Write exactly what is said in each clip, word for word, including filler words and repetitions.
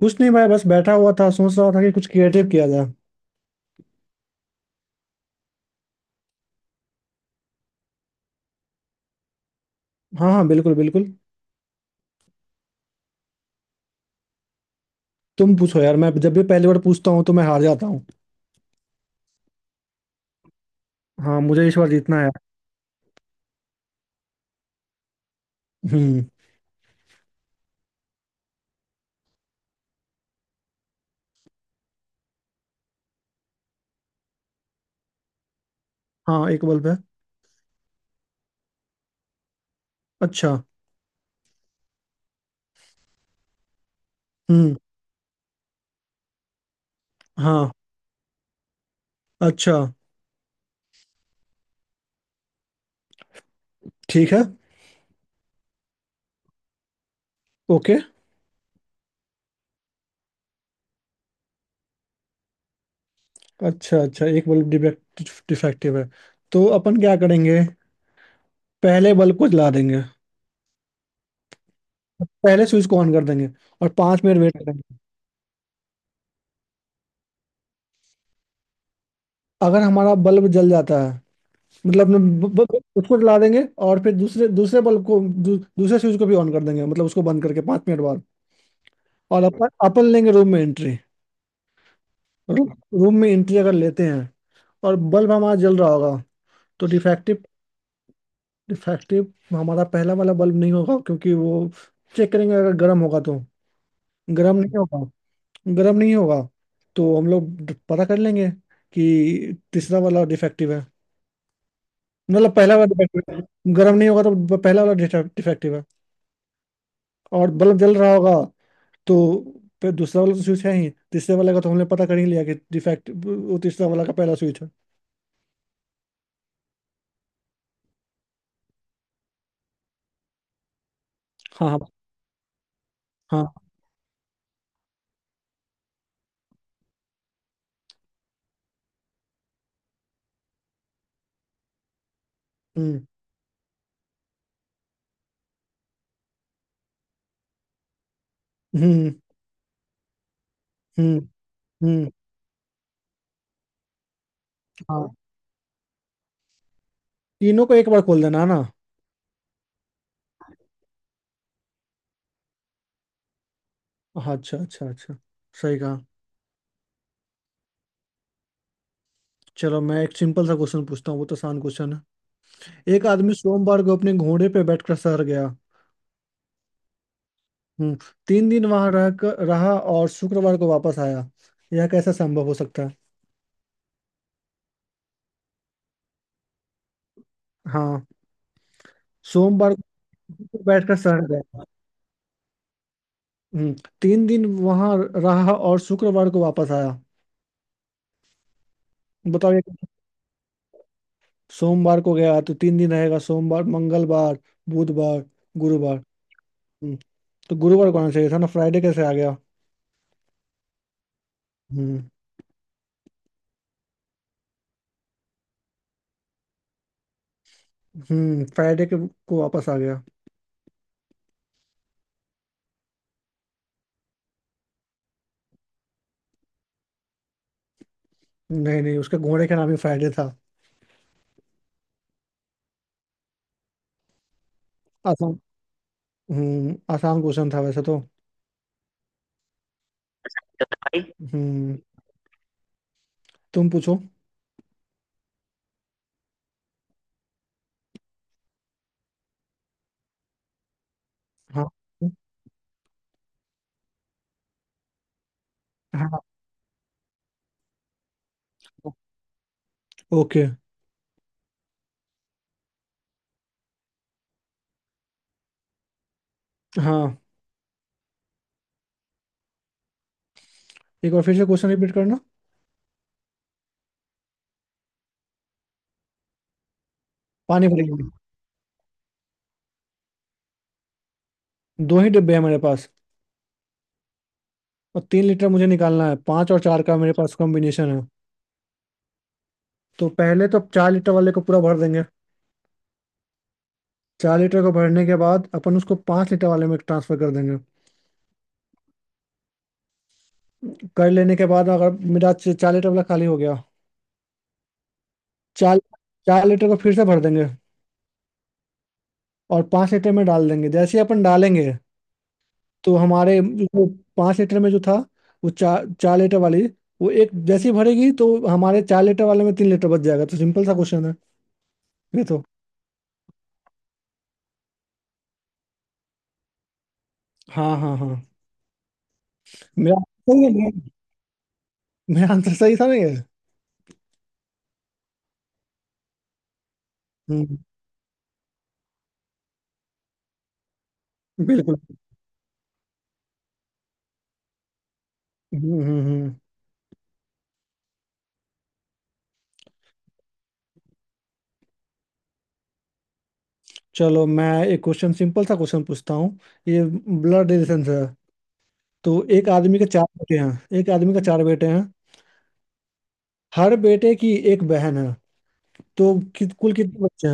कुछ नहीं भाई, बस बैठा हुआ था, सोच रहा था कि कुछ क्रिएटिव किया जाए। हाँ हाँ, बिल्कुल बिल्कुल। तुम पूछो यार, मैं जब भी पहली बार पूछता हूँ तो मैं हार जाता हूँ। हाँ, मुझे इस बार जीतना है यार। हम्म। हाँ, एक बल्ब है। अच्छा। हम्म। हाँ। अच्छा। ठीक है। ओके। अच्छा अच्छा, एक बल्ब डिफेक्ट डिफेक्टिव है। तो अपन क्या करेंगे? पहले बल्ब को जला देंगे। पहले स्विच को ऑन कर देंगे। और पाँच मिनट वेट करेंगे। अगर हमारा बल्ब जल जाता है, मतलब न- ब- ब- उसको जला देंगे और फिर दूसरे दूसरे बल्ब को दू, दूसरे स्विच को भी ऑन कर देंगे, मतलब उसको बंद करके पाँच मिनट बाद। और अपन अपन लेंगे रूम में एंट्री। रूम रूम में एंट्री अगर लेते हैं और बल्ब हमारा जल रहा होगा, तो डिफेक्टिव डिफेक्टिव हमारा पहला वाला बल्ब नहीं होगा, क्योंकि वो चेक करेंगे अगर गर्म होगा तो। गर्म नहीं होगा, गर्म नहीं होगा तो हम लोग पता कर लेंगे कि तीसरा वाला डिफेक्टिव है। मतलब पहला वाला डिफेक्टिव है, गर्म नहीं होगा तो पहला वाला डिफेक्टिव है। और बल्ब जल रहा होगा तो फिर दूसरा वाला तो स्विच है ही, तीसरे वाले का तो हमने पता कर ही लिया कि डिफेक्ट, वो तीसरा वाला का पहला स्विच है। हाँ हाँ हाँ। हम्म हम्म हम्म। हम्म। हाँ। तीनों को एक बार खोल देना है ना? हाँ, अच्छा अच्छा अच्छा। सही कहा। चलो, मैं एक सिंपल सा क्वेश्चन पूछता हूँ, वो तो आसान क्वेश्चन है। एक आदमी सोमवार को अपने घोड़े पे बैठकर शहर गया। हम्म। तीन दिन वहां रह कर रहा और शुक्रवार को वापस आया। यह कैसा संभव हो सकता है? हाँ। सोमवार को बैठकर शहर गया। हम्म, तीन दिन वहां रहा और शुक्रवार को वापस आया। बताओ ये। सोमवार को गया तो तीन दिन रहेगा, सोमवार, मंगलवार, बुधवार, गुरुवार। हम्म, तो गुरुवार को आना चाहिए था ना, फ्राइडे कैसे आ गया? हम्म। हम्म फ्राइडे के को वापस आ गया। नहीं नहीं, उसके घोड़े का नाम ही फ्राइडे था। आसान। हम्म आसान क्वेश्चन था वैसे तो। हम्म। तुम पूछो। हाँ हाँ। ओके। हाँ। एक बार फिर से क्वेश्चन रिपीट करना। पानी भरेंगे। दो ही डिब्बे हैं मेरे पास और तीन लीटर मुझे निकालना है। पाँच और चार का मेरे पास कॉम्बिनेशन है। तो पहले तो चार लीटर वाले को पूरा भर देंगे। चार लीटर को भरने के बाद अपन उसको पाँच लीटर वाले में ट्रांसफर कर देंगे। कर लेने के बाद अगर मेरा च- चार लीटर वाला खाली हो गया। चार चार लीटर को फिर से भर देंगे और पाँच लीटर में डाल देंगे। जैसे ही अपन डालेंगे, तो हमारे जो पाँच लीटर में जो था, वो चार चार लीटर वाली, वो एक जैसी भरेगी तो हमारे चार लीटर वाले में तीन लीटर बच जाएगा, तो सिंपल सा क्वेश्चन है। ये तो। हाँ हाँ हाँ। मेरा सही है, मेरा आंसर सही था ना ये? हम्म। बिल्कुल। हम्म हम्म हम्म। चलो, मैं एक क्वेश्चन सिंपल सा क्वेश्चन पूछता हूँ। ये ब्लड रिलेशन है तो। एक आदमी के चार बेटे हैं एक आदमी के चार बेटे हैं। हर बेटे की एक बहन है। तो कि, कुल कितने बच्चे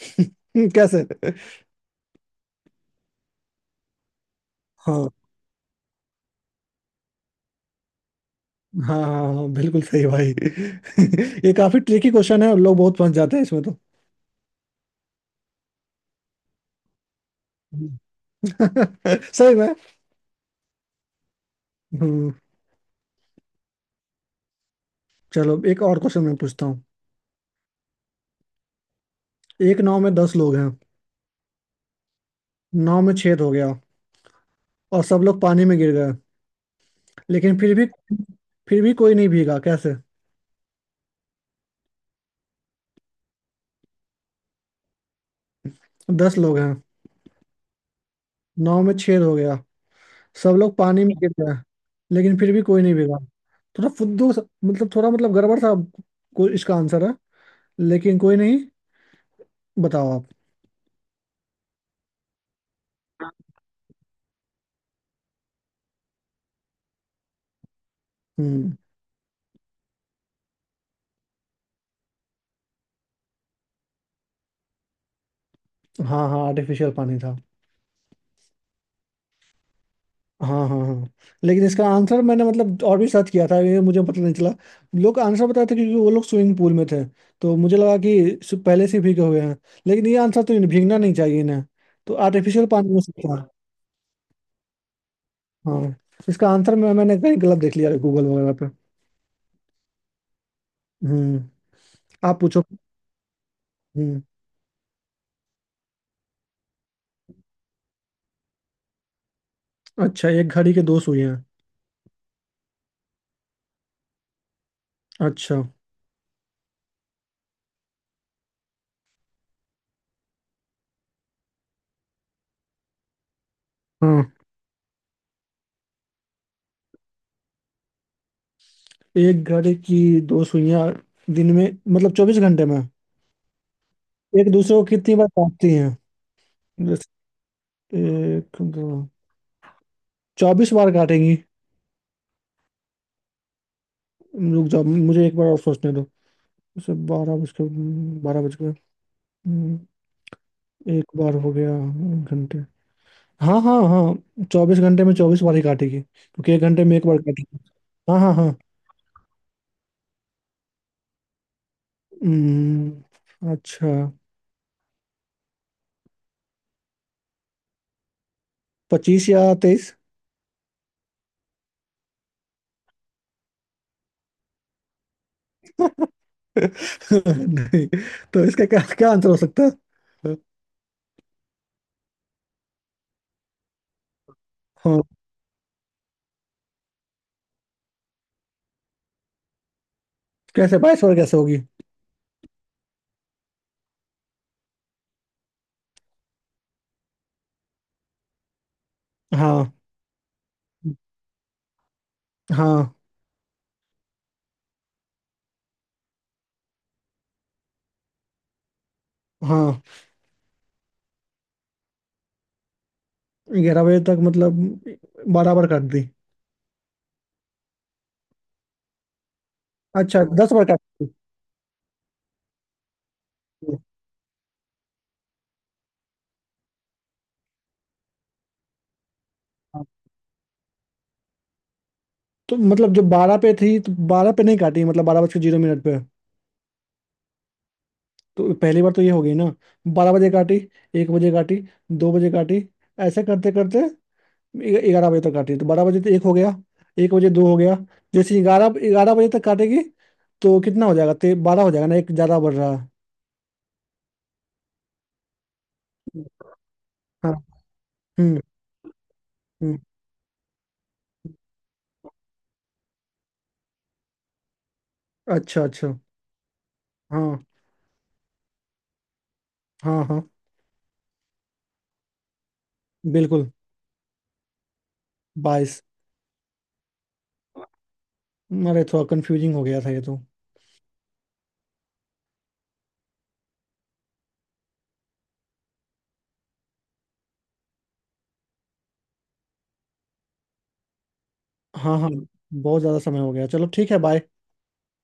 हैं? कैसे? हाँ हाँ हाँ हाँ, बिल्कुल सही भाई। ये काफी ट्रिकी क्वेश्चन है, लोग बहुत फंस जाते हैं इसमें तो। सही में। हम्म। चलो एक और क्वेश्चन मैं पूछता हूँ। एक नाव में दस लोग हैं। नाव में छेद हो गया और सब लोग पानी में गिर गए, लेकिन फिर भी फिर भी कोई नहीं भीगा, कैसे? दस लोग हैं। नाव में छेद हो गया। सब लोग पानी में गिर गए, लेकिन फिर भी कोई नहीं भीगा। थोड़ा फुद्दू सा- मतलब थोड़ा, मतलब गड़बड़ सा। कोई इसका आंसर है, लेकिन कोई नहीं। बताओ आप। हम्म। हाँ हाँ, आर्टिफिशियल पानी था। हाँ हाँ हाँ। लेकिन इसका आंसर मैंने, मतलब और भी सर्च किया था, ये मुझे पता नहीं चला। लोग आंसर बताए थे क्योंकि वो लोग स्विमिंग पूल में थे, तो मुझे लगा कि सु- पहले से भीगे हुए हैं। लेकिन ये आंसर तो इन्हें भीगना नहीं चाहिए इन्हें। तो आर्टिफिशियल पानी में से था। हाँ। इसका आंसर मैं मैंने कहीं गलत देख लिया है, गूगल वगैरह पे। हम्म। आप पूछो। हम्म। अच्छा, एक घड़ी के दो सुइयां। अच्छा। हाँ, एक घड़ी की दो सुइयां दिन में, मतलब चौबीस घंटे में एक दूसरे को कितनी बार काटती हैं? जैसे एक, दो, चौबीस बार काटेंगी। रुक जाओ, मुझे एक बार और सोचने दो। जैसे बारह बज के बारह बज गए। हम्म, एक बार हो गया एक घंटे। हाँ हाँ हाँ, चौबीस घंटे में चौबीस बार ही काटेगी क्योंकि एक घंटे में एक बार काटेगी। हाँ हाँ हाँ। हम्म, अच्छा। पच्चीस या तेईस। नहीं। तो इसका क्या क्या आंसर हो सकता है? हाँ। कैसे बाईस और कैसे होगी? हाँ हाँ हाँ। ग्यारह बजे तक मतलब बराबर कर दी। अच्छा, दस बार काटी। हाँ, तो मतलब जो बारह पे थी, तो बारह पे नहीं काटी, मतलब बारह बज के जीरो मिनट पे। तो पहली बार तो ये हो गई ना। बारह बजे काटी, एक बजे काटी, दो बजे काटी, ऐसे करते करते ग्यारह बजे तक काटी तो बारह बजे तो एक हो गया, एक बजे दो हो गया। जैसे ग्यारह ग्यारह बजे तक काटेगी तो कितना हो जाएगा? ते बारह हो जाएगा ना, एक ज्यादा बढ़ रहा है। हाँ। हम्म हम्म। अच्छा अच्छा। हाँ हाँ हाँ। बिल्कुल। बाईस। अरे थोड़ा कंफ्यूजिंग हो गया था ये तो। हाँ हाँ। बहुत ज्यादा समय हो गया, चलो ठीक है, बाय।